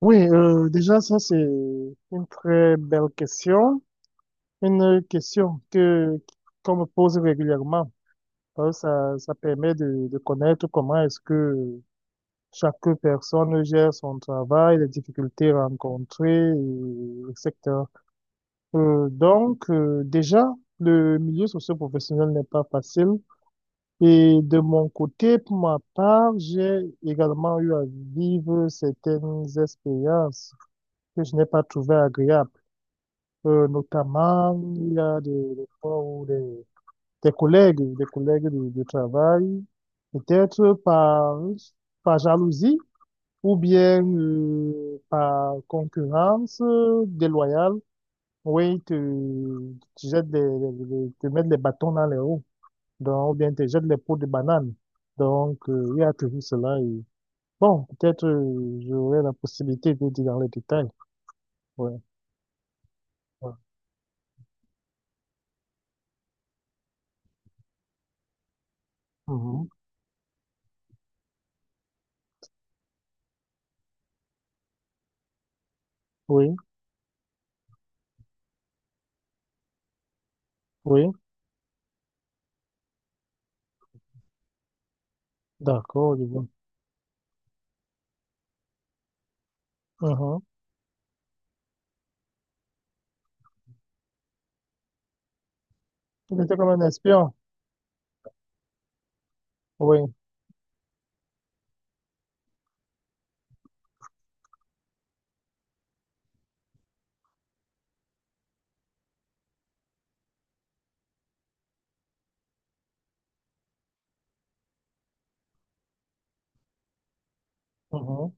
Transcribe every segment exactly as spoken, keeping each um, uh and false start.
Oui, euh, déjà, ça, c'est une très belle question. Une question que, qu'on me pose régulièrement. Euh, Ça, ça permet de, de connaître comment est-ce que chaque personne gère son travail, les difficultés rencontrées, et- etc. Euh, donc, euh, déjà, le milieu socio-professionnel n'est pas facile. Et de mon côté, pour ma part, j'ai également eu à vivre certaines expériences que je n'ai pas trouvées agréables. Euh, notamment, il y a des, des fois où des, des collègues, des collègues de, de travail, peut-être par, par jalousie ou bien euh, par concurrence euh, déloyale, oui, te, te jettent des, des- des- te mettent les bâtons dans les roues, donc, ou bien te jettent les peaux de banane. Donc, euh, il y a toujours cela. Et, bon, peut-être euh, j'aurai la possibilité de dire dans les détails. Ouais, ouais. Mhm. Oui, oui, d'accord, je vois. Mhm. Il était comme un espion. Oui. Uhum.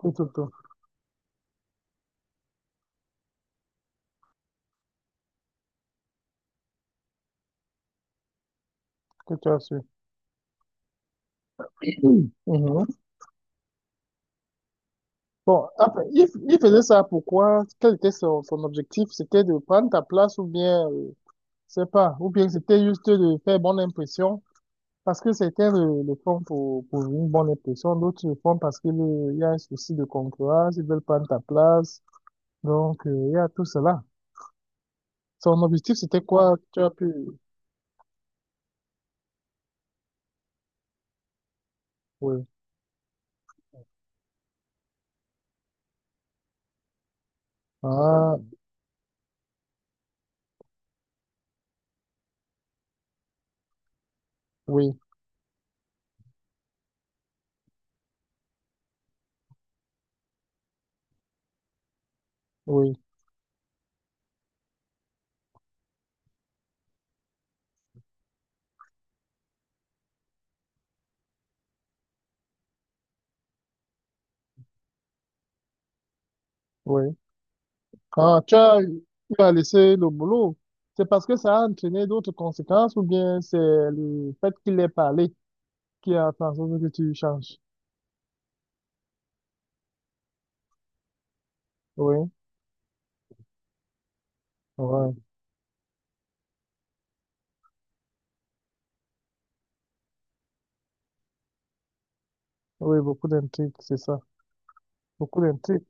Tout, tout, tout. Que tu as su. Uhum. Bon, après, il, il faisait ça pourquoi? Quel était son, son objectif? C'était de prendre ta place ou bien, euh, je sais pas, ou bien c'était juste de faire bonne impression parce que certains le, le font pour, pour une bonne impression, d'autres le font parce qu'il il y a un souci de concurrence, ils veulent prendre ta place. Donc, euh, il y a tout cela. Son objectif, c'était quoi? Tu as pu... Oui. Ah, oui, oui, oui. Quand tu as, tu as laissé le boulot, c'est parce que ça a entraîné d'autres conséquences ou bien c'est le fait qu'il ait parlé qui a fait en sorte que tu changes. Oui, ouais. Oui, beaucoup d'intrigues, c'est ça. Beaucoup d'intrigues.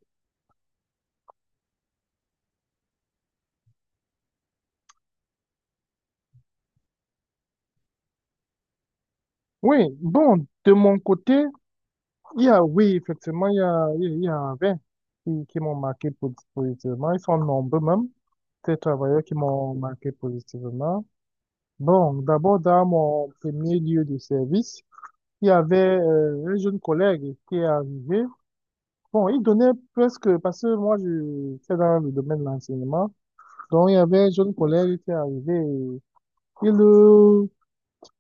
Oui, bon, de mon côté, il y a, oui, effectivement, il y a, il y a vingt qui, qui m'ont marqué po- positivement. Ils sont nombreux même, ces travailleurs qui m'ont marqué positivement. Bon, d'abord, dans mon premier lieu de service, il y avait euh, un jeune collègue qui est arrivé. Bon, il donnait presque, parce que moi, je c'est dans le domaine de l'enseignement. Donc, il y avait un jeune collègue qui est arrivé. Et il, euh,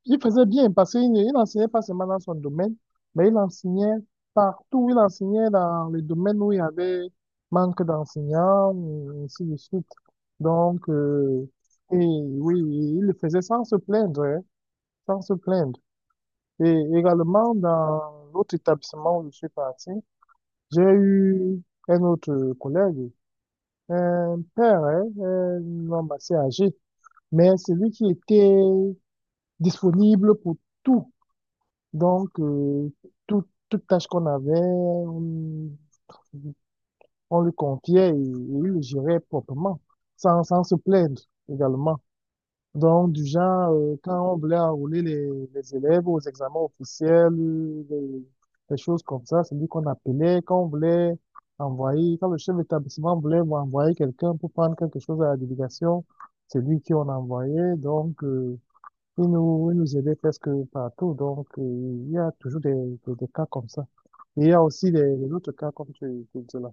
il faisait bien, parce qu'il ne- il n'enseignait pas seulement dans son domaine, mais il enseignait partout. Il enseignait dans les domaines où il y avait manque d'enseignants, et ainsi de suite. Donc, euh, et oui, il le faisait sans se plaindre, hein, sans se plaindre. Et également, dans l'autre établissement où je suis parti, j'ai eu un autre collègue, un père, hein, un homme assez âgé, mais c'est lui qui était disponible pour tout. Donc, euh, tout- toute tâche qu'on avait, on, on lui confiait et, et il le gérait proprement, sans, sans se plaindre également. Donc, du genre, euh, quand on voulait enrôler les, les élèves aux examens officiels, les, les choses comme ça, c'est lui qu'on appelait, quand on voulait envoyer, quand le chef d'établissement voulait envoyer quelqu'un pour prendre quelque chose à la délégation, c'est lui qui on envoyait. Donc, euh, il nous, il nous aidait presque partout. Donc, euh, il y a toujours des, des, des cas comme ça. Et il y a aussi des, des autres cas comme tu, tu dis là.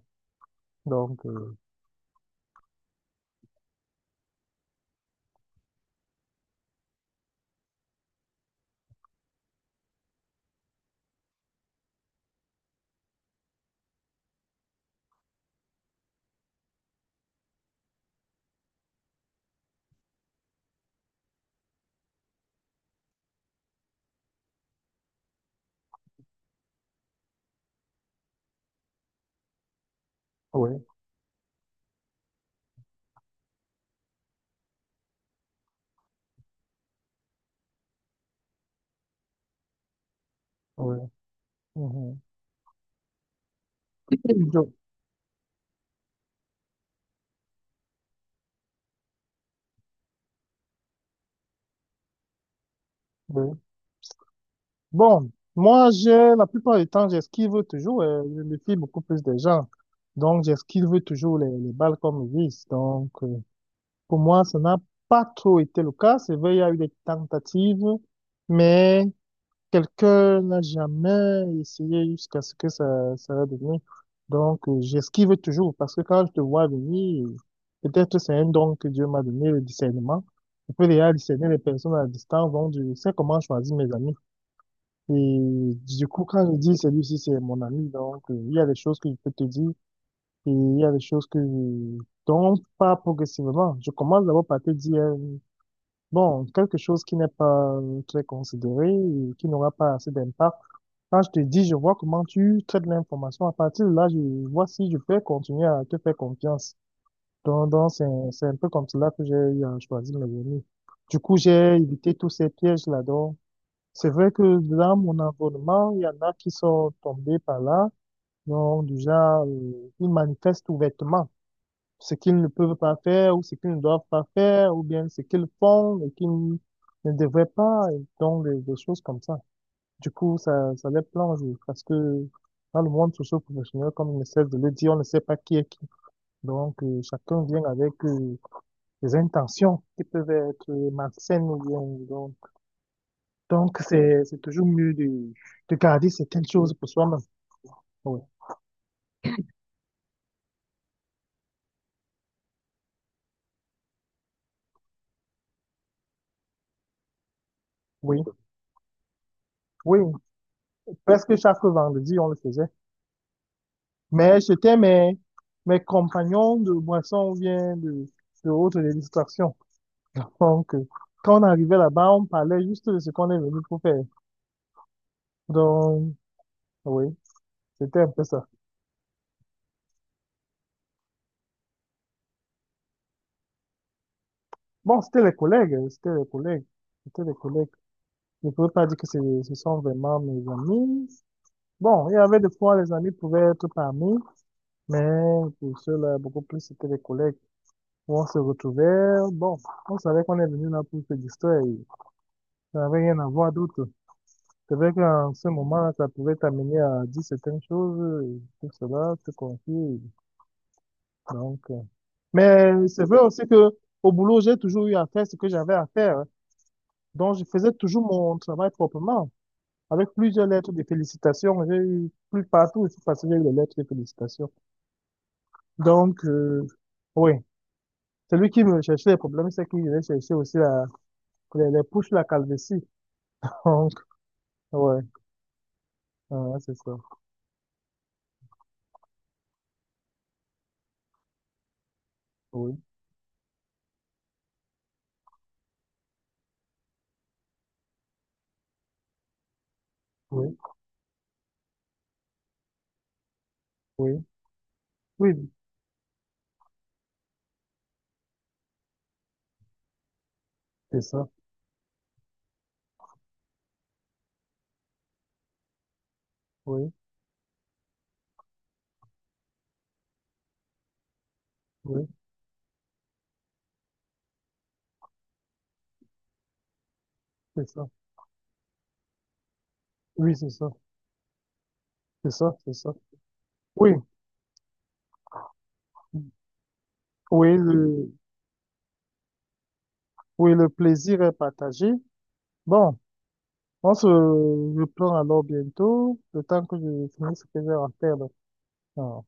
Donc, euh, ouais oui. Mhm. Donc, oui. Bon, moi, j'ai, la plupart du temps, j'esquive toujours, euh, je me fie beaucoup plus des gens. Donc, j'esquive toujours les, les balles comme ils disent. Donc, euh, pour moi, ça n'a pas trop été le cas. C'est vrai, il y a eu des tentatives, mais quelqu'un n'a jamais essayé jusqu'à ce que ça, ça va devenir. Donc, euh, j'esquive toujours parce que quand je te vois venir, peut-être c'est un don que Dieu m'a donné, le discernement. Je peux déjà discerner les personnes à distance, donc je sais comment choisir mes amis. Et du coup, quand je dis celui-ci, c'est mon ami, donc euh, il y a des choses que je peux te dire et il y a des choses que je... dont pas progressivement. Je commence d'abord par te dire, euh, bon, quelque chose qui n'est pas euh, très considéré, et qui n'aura pas assez d'impact. Quand je te dis, je vois comment tu traites l'information, à partir de là, je vois si je peux continuer à te faire confiance. Donc, donc c'est, c'est un peu comme cela que j'ai euh, choisi mes amis. Du coup, j'ai évité tous ces pièges-là, donc. C'est vrai que dans mon environnement, il y en a qui sont tombés par là, donc déjà, euh, ils manifestent ouvertement ce qu'ils ne peuvent pas faire ou ce qu'ils ne doivent pas faire ou bien ce qu'ils font et qu'ils ne devraient pas, et donc des, des choses comme ça. Du coup, ça, ça les plonge parce que dans le monde socio-professionnel, comme on essaie de le dire, on ne sait pas qui est qui. Donc, euh, chacun vient avec euh, des intentions qui peuvent être malsaines ou bien donc, donc, c'est, c'est toujours mieux de, de garder certaines choses pour soi-même. Oui, oui, oui. Presque chaque vendredi, on le faisait. Mais c'était mes, mes compagnons de boisson ou bien de, de autres distractions. Donc, euh, quand on arrivait là-bas, on parlait juste de ce qu'on est venu pour faire. Donc, oui, c'était un peu ça. Bon, c'était les collègues, c'était les collègues, c'était les collègues. Je ne peux pas dire que c'est- ce sont vraiment mes amis. Bon, il y avait des fois, les amis pouvaient être parmi, mais pour ceux-là, beaucoup plus, c'était des collègues où on se retrouvait. Bon, on savait qu'on est venu là pour se distraire. Et ça n'avait rien à voir d'autre. C'est vrai qu'en ce moment, ça pouvait t'amener à dire certaines choses, et tout cela, te confier. Donc, euh, mais c'est vrai aussi que au boulot, j'ai toujours eu à faire ce que j'avais à faire, hein. Donc, je faisais toujours mon travail proprement. Avec plusieurs lettres de félicitations, j'ai eu plus partout, je suis passé, j'ai eu les lettres de félicitations. Donc, euh, oui. Celui qui me cherchait les problèmes, c'est qu'il venait chercher aussi la, les, les pousses, la calvitie. Donc, ouais, ah, c'est ça. Oui, oui, oui, oui, c'est ça. Oui, oui, c'est ça. Oui, c'est ça. C'est ça, c'est ça. Oui, oui, le, oui, le plaisir est partagé. Bon, on se reprend alors bientôt, le temps que je finisse ce que j'ai à faire là. Ah.